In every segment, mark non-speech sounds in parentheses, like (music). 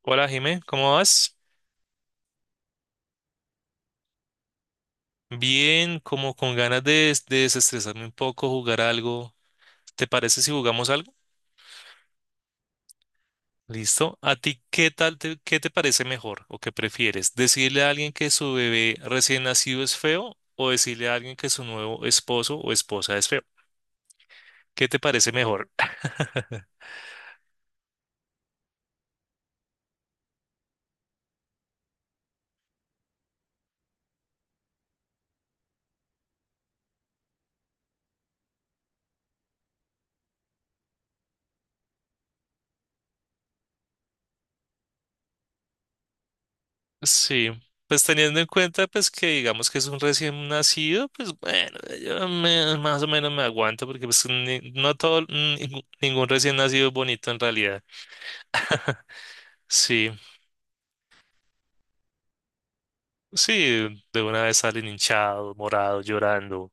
Hola Jimé, ¿cómo vas? Bien, como con ganas de desestresarme un poco, jugar algo. ¿Te parece si jugamos algo? Listo. ¿A ti qué te parece mejor o qué prefieres? ¿Decirle a alguien que su bebé recién nacido es feo o decirle a alguien que su nuevo esposo o esposa es feo? ¿Qué te parece mejor? (laughs) Sí, pues teniendo en cuenta pues que digamos que es un recién nacido, pues bueno, más o menos me aguanto porque no todo, ningún recién nacido es bonito en realidad. (laughs) Sí, sí, de una vez salen hinchados, morados, llorando.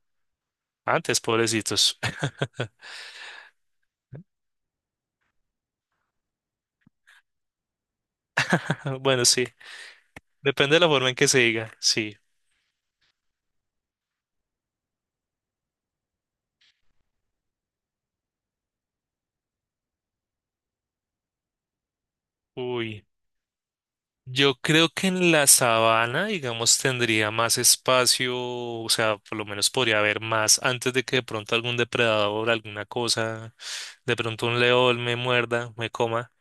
Antes, pobrecitos. (laughs) Bueno, sí, depende de la forma en que se diga, sí. Uy. Yo creo que en la sabana, digamos, tendría más espacio, o sea, por lo menos podría haber más antes de que de pronto algún depredador, alguna cosa, de pronto un león me muerda, me coma,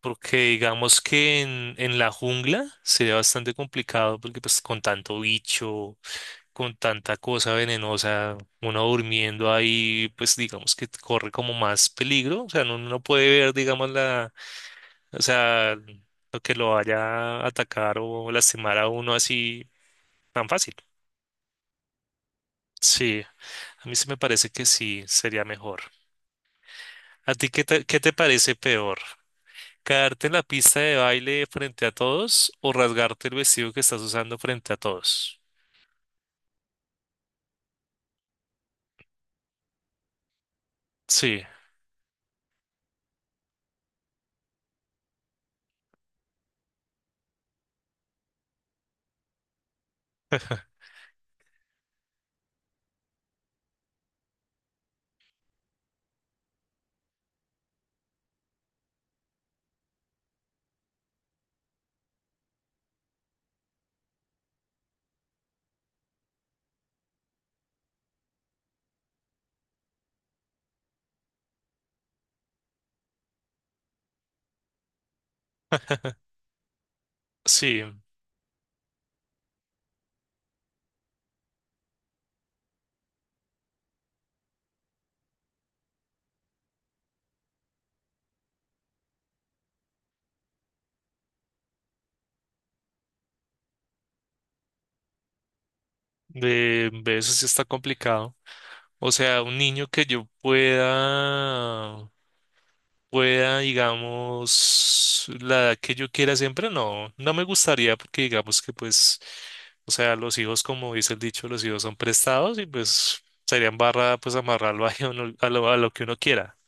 porque digamos que en la jungla sería bastante complicado porque pues con tanto bicho, con tanta cosa venenosa, uno durmiendo ahí, pues digamos que corre como más peligro, o sea, no puede ver, digamos, o sea, lo que lo vaya a atacar o lastimar a uno así tan fácil. Sí, a mí sí me parece que sí sería mejor. ¿A ti qué te parece peor? ¿Caerte en la pista de baile frente a todos o rasgarte el vestido que estás usando frente a todos? Sí, sí, de eso sí está complicado. O sea, un niño que yo pueda pueda, digamos, la edad que yo quiera siempre, no me gustaría porque digamos que pues, o sea, los hijos, como dice el dicho, los hijos son prestados y pues sería embarrada pues amarrarlo ahí a lo que uno quiera.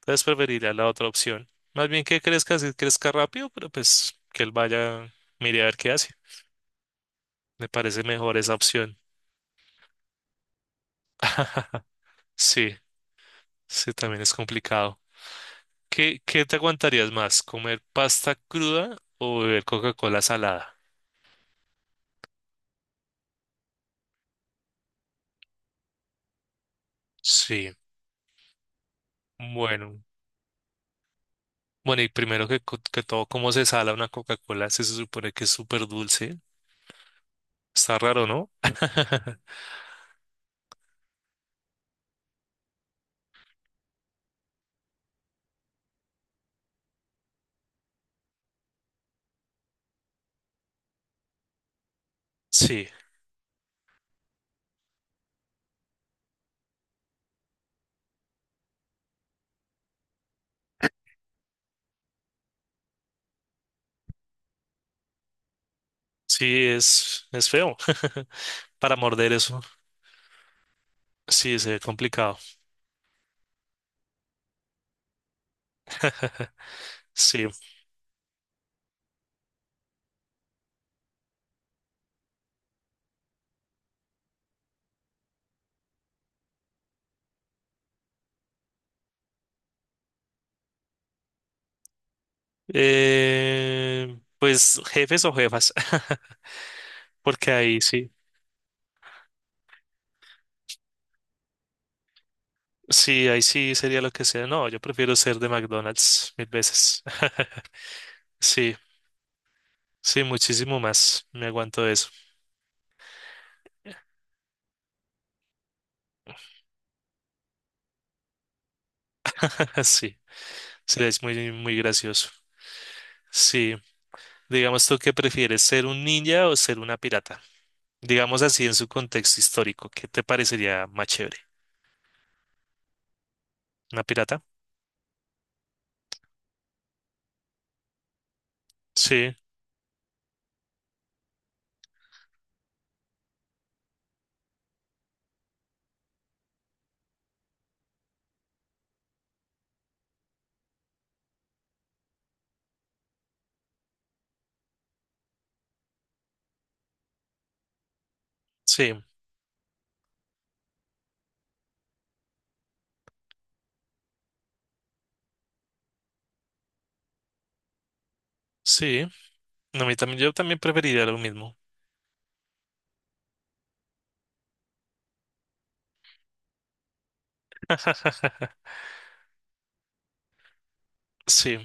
Entonces preferiría la otra opción. Más bien que crezca, si crezca rápido, pero pues que él vaya, mire a ver qué hace. Me parece mejor esa opción. Sí, sí, también es complicado. ¿Qué, qué te aguantarías más? ¿Comer pasta cruda o beber Coca-Cola salada? Sí. Bueno, bueno, y primero que todo, ¿cómo se sala una Coca-Cola? Se supone que es súper dulce. Está raro, ¿no? (laughs) Sí, sí, es feo. (laughs) Para morder eso, sí, se ve complicado. Sí. Pues jefes o jefas, (laughs) porque ahí sí, sí, ahí sí sería lo que sea. No, yo prefiero ser de McDonald's mil veces. (laughs) Sí, sí, muchísimo más. Me aguanto eso. (laughs) Sí, sí, es muy, muy gracioso. Sí. Digamos, ¿tú qué prefieres, ser un ninja o ser una pirata? Digamos así en su contexto histórico, ¿qué te parecería más chévere? ¿Una pirata? Sí, sí, sí. No, a mí también, yo también preferiría lo mismo. (laughs) Sí.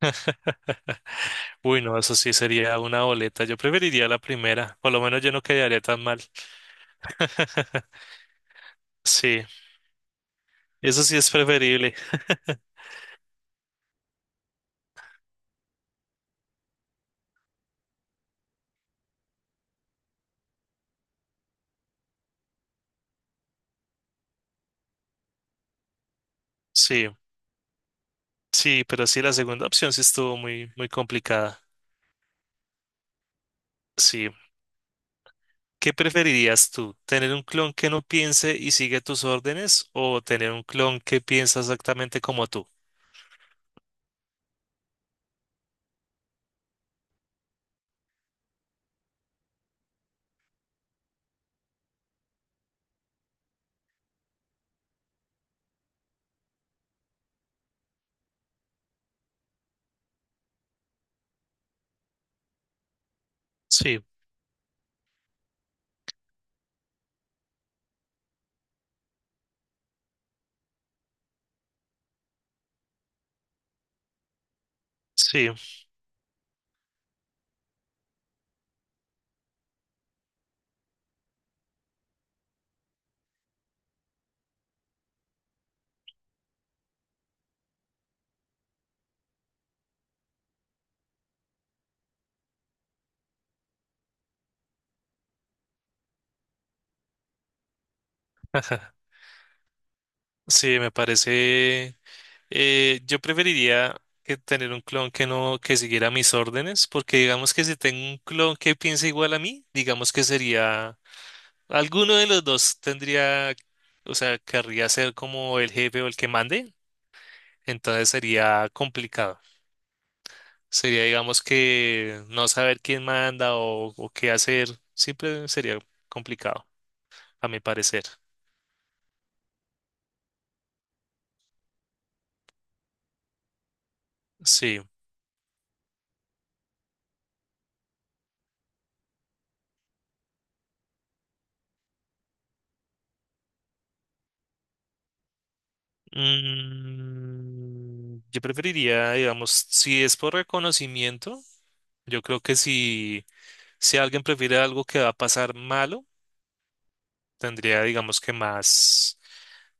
(laughs) Uy, no, eso sí sería una boleta. Yo preferiría la primera. Por lo menos yo no quedaría tan mal. (laughs) Sí, eso sí es preferible. Sí, sí, pero sí, la segunda opción sí estuvo muy, muy complicada. Sí. ¿Qué preferirías tú? ¿Tener un clon que no piense y sigue tus órdenes o tener un clon que piensa exactamente como tú? Sí, sí, sí, me parece. Yo preferiría que tener un clon que no, que siguiera mis órdenes, porque digamos que si tengo un clon que piensa igual a mí, digamos que sería. Alguno de los dos tendría, o sea, querría ser como el jefe o el que mande, entonces sería complicado. Sería, digamos, que no saber quién manda o qué hacer, siempre sería complicado, a mi parecer. Sí. Mm, yo preferiría, digamos, si es por reconocimiento, yo creo que si, si alguien prefiere algo que va a pasar malo, tendría, digamos, que más.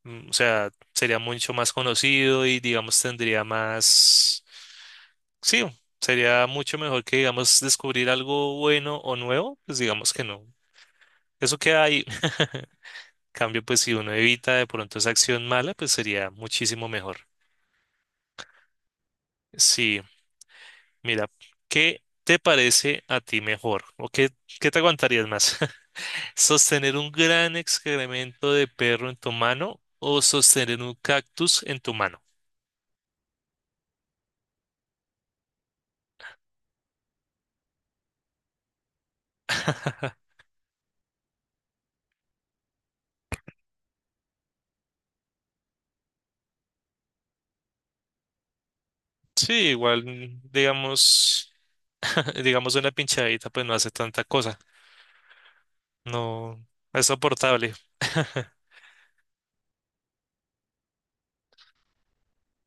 Mm, O sea, sería mucho más conocido y digamos tendría más... Sí, sería mucho mejor que digamos descubrir algo bueno o nuevo, pues digamos que no. Eso queda ahí. (laughs) Cambio, pues si uno evita de pronto esa acción mala, pues sería muchísimo mejor. Sí, mira, ¿qué te parece a ti mejor? ¿O qué, qué te aguantarías más? (laughs) ¿Sostener un gran excremento de perro en tu mano o sostener un cactus en tu mano? Sí, igual, digamos, (laughs) digamos una pinchadita, pues no hace tanta cosa. No, no es soportable. (laughs)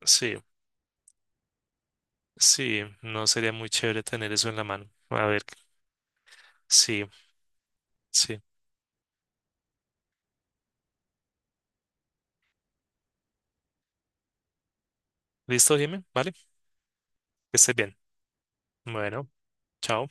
Sí, sí, no sería muy chévere tener eso en la mano. A ver, sí, sí. ¿Listo, Jimmy? Vale, que estés bien. Bueno, chao.